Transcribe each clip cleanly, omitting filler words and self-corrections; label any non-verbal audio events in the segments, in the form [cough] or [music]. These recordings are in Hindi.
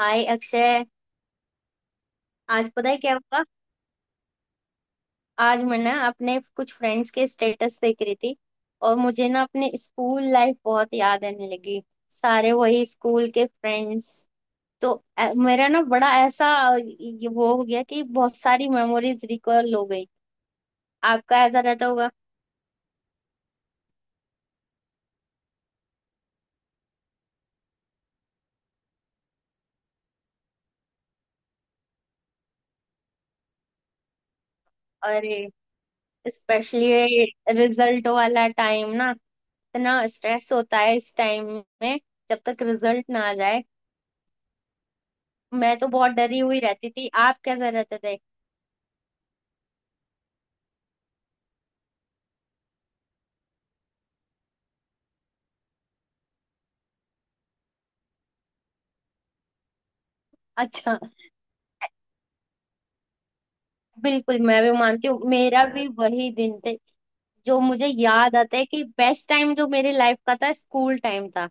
हाय अक्षय। आज पता है क्या हुआ? आज मैं ना अपने कुछ फ्रेंड्स के स्टेटस देख रही थी और मुझे ना अपने स्कूल लाइफ बहुत याद आने लगी। सारे वही स्कूल के फ्रेंड्स। तो मेरा ना बड़ा ऐसा ये वो हो गया कि बहुत सारी मेमोरीज रिकॉल हो गई। आपका ऐसा रहता होगा? अरे, स्पेशली रिजल्ट वाला टाइम ना, इतना स्ट्रेस होता है इस टाइम में। जब तक रिजल्ट ना आ जाए, मैं तो बहुत डरी हुई रहती थी। आप कैसे रहते थे? अच्छा। बिल्कुल, मैं भी मानती हूँ, मेरा भी वही दिन थे। जो मुझे याद आता है कि बेस्ट टाइम जो मेरे लाइफ का था, स्कूल टाइम था।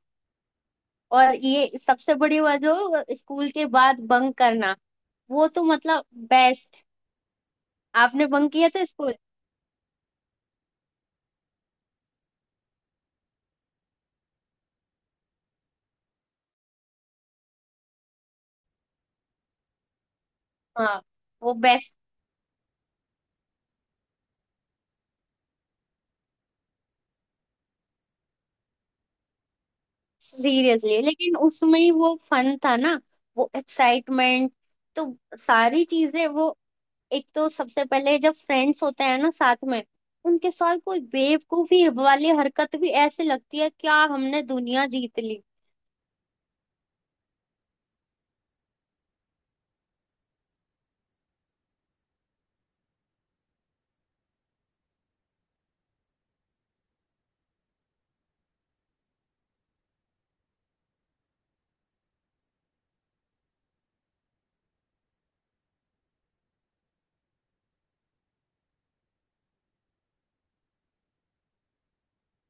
और ये सबसे बड़ी बात, जो स्कूल के बाद बंक करना, वो तो मतलब बेस्ट। आपने बंक किया था स्कूल? हाँ, वो बेस्ट। सीरियसली, लेकिन उसमें ही वो फन था ना, वो एक्साइटमेंट। तो सारी चीजें वो, एक तो सबसे पहले जब फ्रेंड्स होते हैं ना साथ में, उनके साथ कोई बेवकूफी वाली हरकत भी ऐसे लगती है क्या हमने दुनिया जीत ली।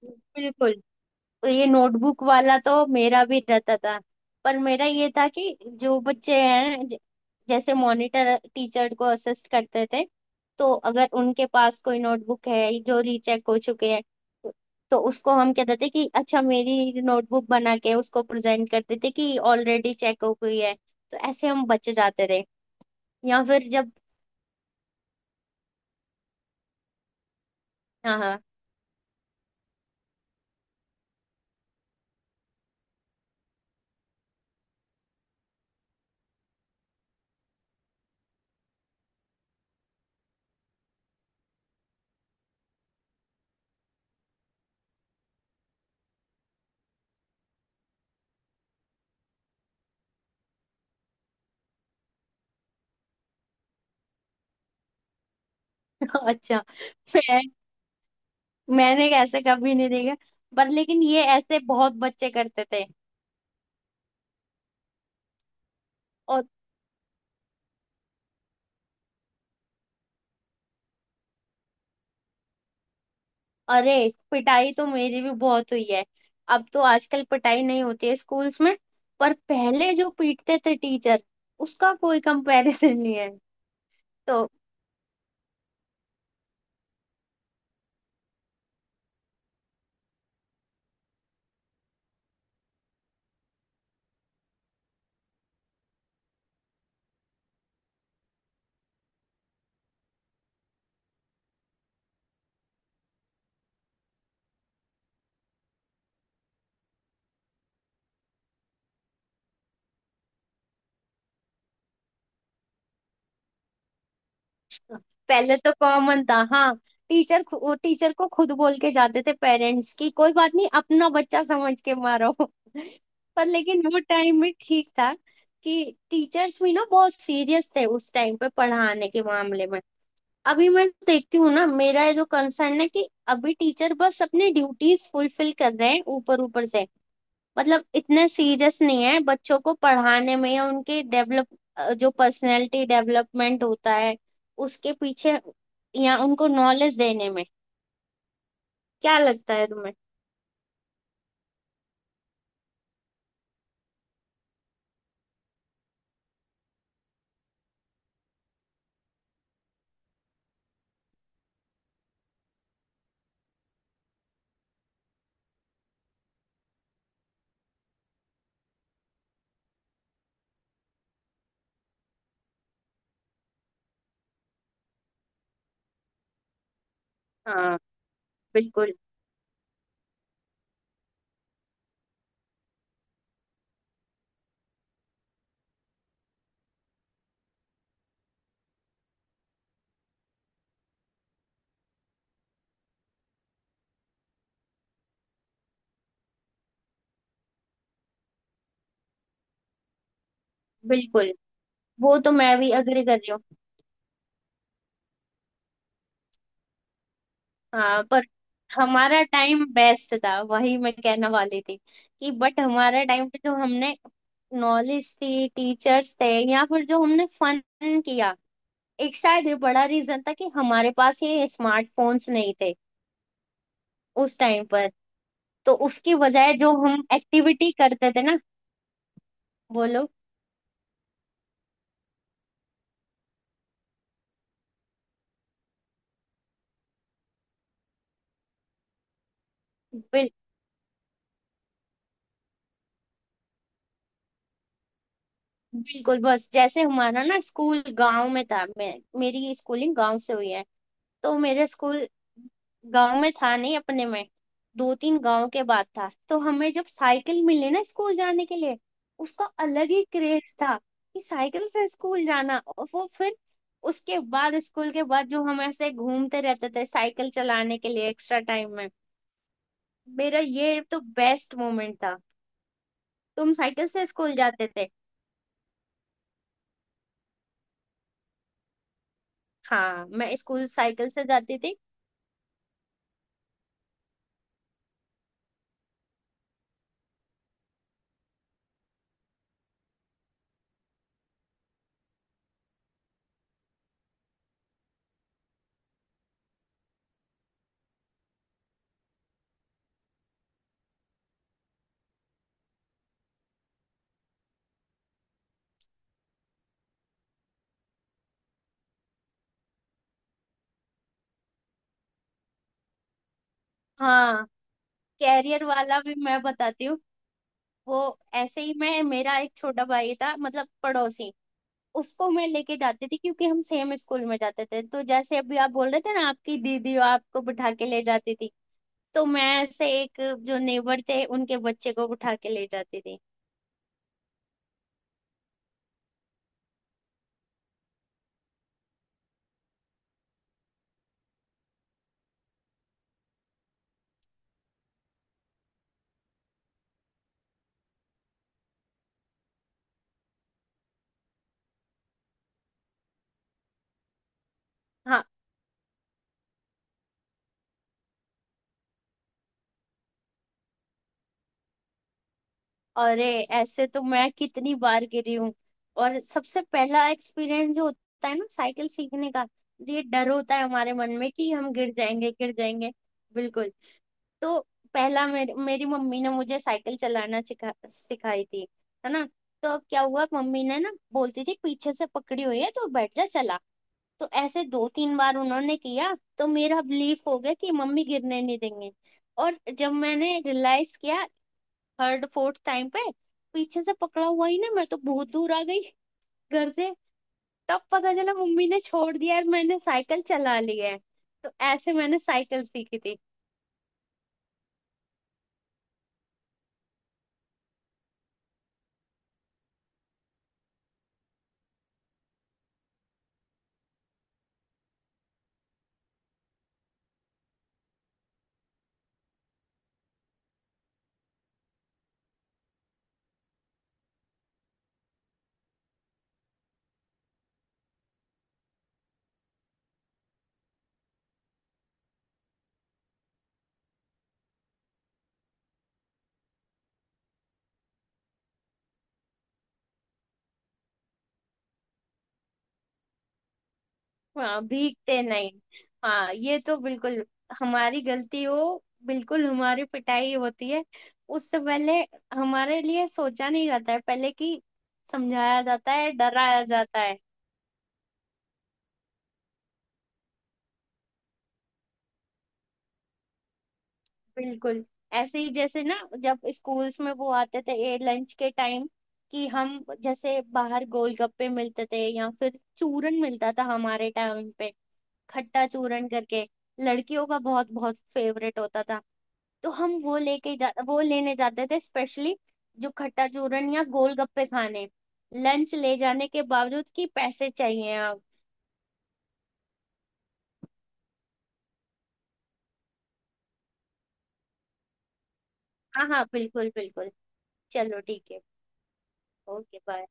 बिल्कुल। ये नोटबुक वाला तो मेरा भी रहता था। पर मेरा ये था कि जो बच्चे हैं जैसे मॉनिटर टीचर को असिस्ट करते थे, तो अगर उनके पास कोई नोटबुक है जो रीचेक हो चुके हैं, तो तो उसको हम कहते थे कि अच्छा मेरी नोटबुक बना के उसको प्रेजेंट करते थे कि ऑलरेडी चेक हो गई है। तो ऐसे हम बच जाते थे या फिर जब। हाँ हाँ। [laughs] अच्छा। मैं मैंने ऐसे कभी नहीं देखा, पर लेकिन ये ऐसे बहुत बच्चे करते थे और। अरे, पिटाई तो मेरी भी बहुत हुई है। अब तो आजकल पिटाई नहीं होती है स्कूल्स में, पर पहले जो पीटते थे टीचर, उसका कोई कंपैरिजन नहीं है। तो पहले तो कॉमन था हाँ, टीचर टीचर को खुद बोल के जाते थे पेरेंट्स की कोई बात नहीं अपना बच्चा समझ के मारो। [laughs] पर लेकिन वो टाइम में ठीक था कि टीचर्स भी ना बहुत सीरियस थे उस टाइम पे पढ़ाने के मामले में। अभी मैं देखती हूँ ना, मेरा ये जो कंसर्न है कि अभी टीचर बस अपनी ड्यूटीज फुलफिल कर रहे हैं, ऊपर ऊपर से। मतलब इतने सीरियस नहीं है बच्चों को पढ़ाने में या उनके डेवलप, जो पर्सनैलिटी डेवलपमेंट होता है उसके पीछे, या उनको नॉलेज देने में। क्या लगता है तुम्हें? हाँ, बिल्कुल बिल्कुल। वो तो मैं भी अग्री कर रही हूँ। हाँ पर, हमारा टाइम बेस्ट था, वही मैं कहने वाली थी। कि बट हमारा टाइम पे जो हमने नॉलेज थी, टीचर्स थे, या फिर जो हमने फन किया, एक शायद ये बड़ा रीजन था कि हमारे पास ये स्मार्टफोन्स नहीं थे उस टाइम पर। तो उसकी बजाय जो हम एक्टिविटी करते थे ना। बोलो। बिल, बिल्कुल। बस जैसे हमारा ना स्कूल गांव में था, मैं मेरी स्कूलिंग गांव से हुई है। तो मेरे स्कूल गांव में था नहीं अपने में, दो तीन गांव के बाद था। तो हमें जब साइकिल मिली ना स्कूल जाने के लिए, उसका अलग ही क्रेज था। कि साइकिल से स्कूल जाना और वो फिर, उसके बाद स्कूल के बाद जो हम ऐसे घूमते रहते थे साइकिल चलाने के लिए एक्स्ट्रा टाइम में, मेरा ये तो बेस्ट मोमेंट था। तुम साइकिल से स्कूल जाते थे? हाँ, मैं स्कूल साइकिल से जाती थी। हाँ, कैरियर वाला भी मैं बताती हूँ। वो ऐसे ही, मैं मेरा एक छोटा भाई था, मतलब पड़ोसी। उसको मैं लेके जाती थी, क्योंकि हम सेम स्कूल में जाते थे। तो जैसे अभी आप बोल रहे थे ना आपकी दीदी आपको बिठा के ले जाती थी, तो मैं ऐसे एक जो नेबर थे उनके बच्चे को बिठा के ले जाती थी। हाँ। अरे, ऐसे तो मैं कितनी बार गिरी हूँ। और सबसे पहला एक्सपीरियंस जो होता है ना साइकिल सीखने का, ये डर होता है हमारे मन में कि हम गिर जाएंगे, गिर जाएंगे। बिल्कुल। तो पहला, मेरी मेरी मम्मी ने मुझे साइकिल चलाना सिखाई थी, है ना? तो अब क्या हुआ, मम्मी ने ना बोलती थी पीछे से पकड़ी हुई है तो बैठ जा चला। तो ऐसे दो तीन बार उन्होंने किया तो मेरा बिलीफ हो गया कि मम्मी गिरने नहीं देंगे। और जब मैंने रियलाइज किया थर्ड फोर्थ टाइम पे, पीछे से पकड़ा हुआ ही ना, मैं तो बहुत दूर आ गई घर से। तब पता चला मम्मी ने छोड़ दिया और मैंने साइकिल चला ली है। तो ऐसे मैंने साइकिल सीखी थी। हाँ, भीगते नहीं। हाँ, ये तो बिल्कुल, हमारी गलती हो, बिल्कुल हमारी पिटाई होती है। उससे पहले हमारे लिए सोचा नहीं जाता है, पहले की समझाया जाता है, डराया जाता है। बिल्कुल। ऐसे ही जैसे ना, जब स्कूल्स में वो आते थे ए लंच के टाइम, कि हम, जैसे बाहर गोलगप्पे मिलते थे या फिर चूरन मिलता था हमारे टाइम पे, खट्टा चूरन करके, लड़कियों का बहुत बहुत फेवरेट होता था। तो हम वो लेके जा वो लेने जाते थे स्पेशली, जो खट्टा चूरन या गोलगप्पे खाने, लंच ले जाने के बावजूद, कि पैसे चाहिए आप। हाँ हाँ, बिल्कुल बिल्कुल। चलो ठीक है। Okay bye.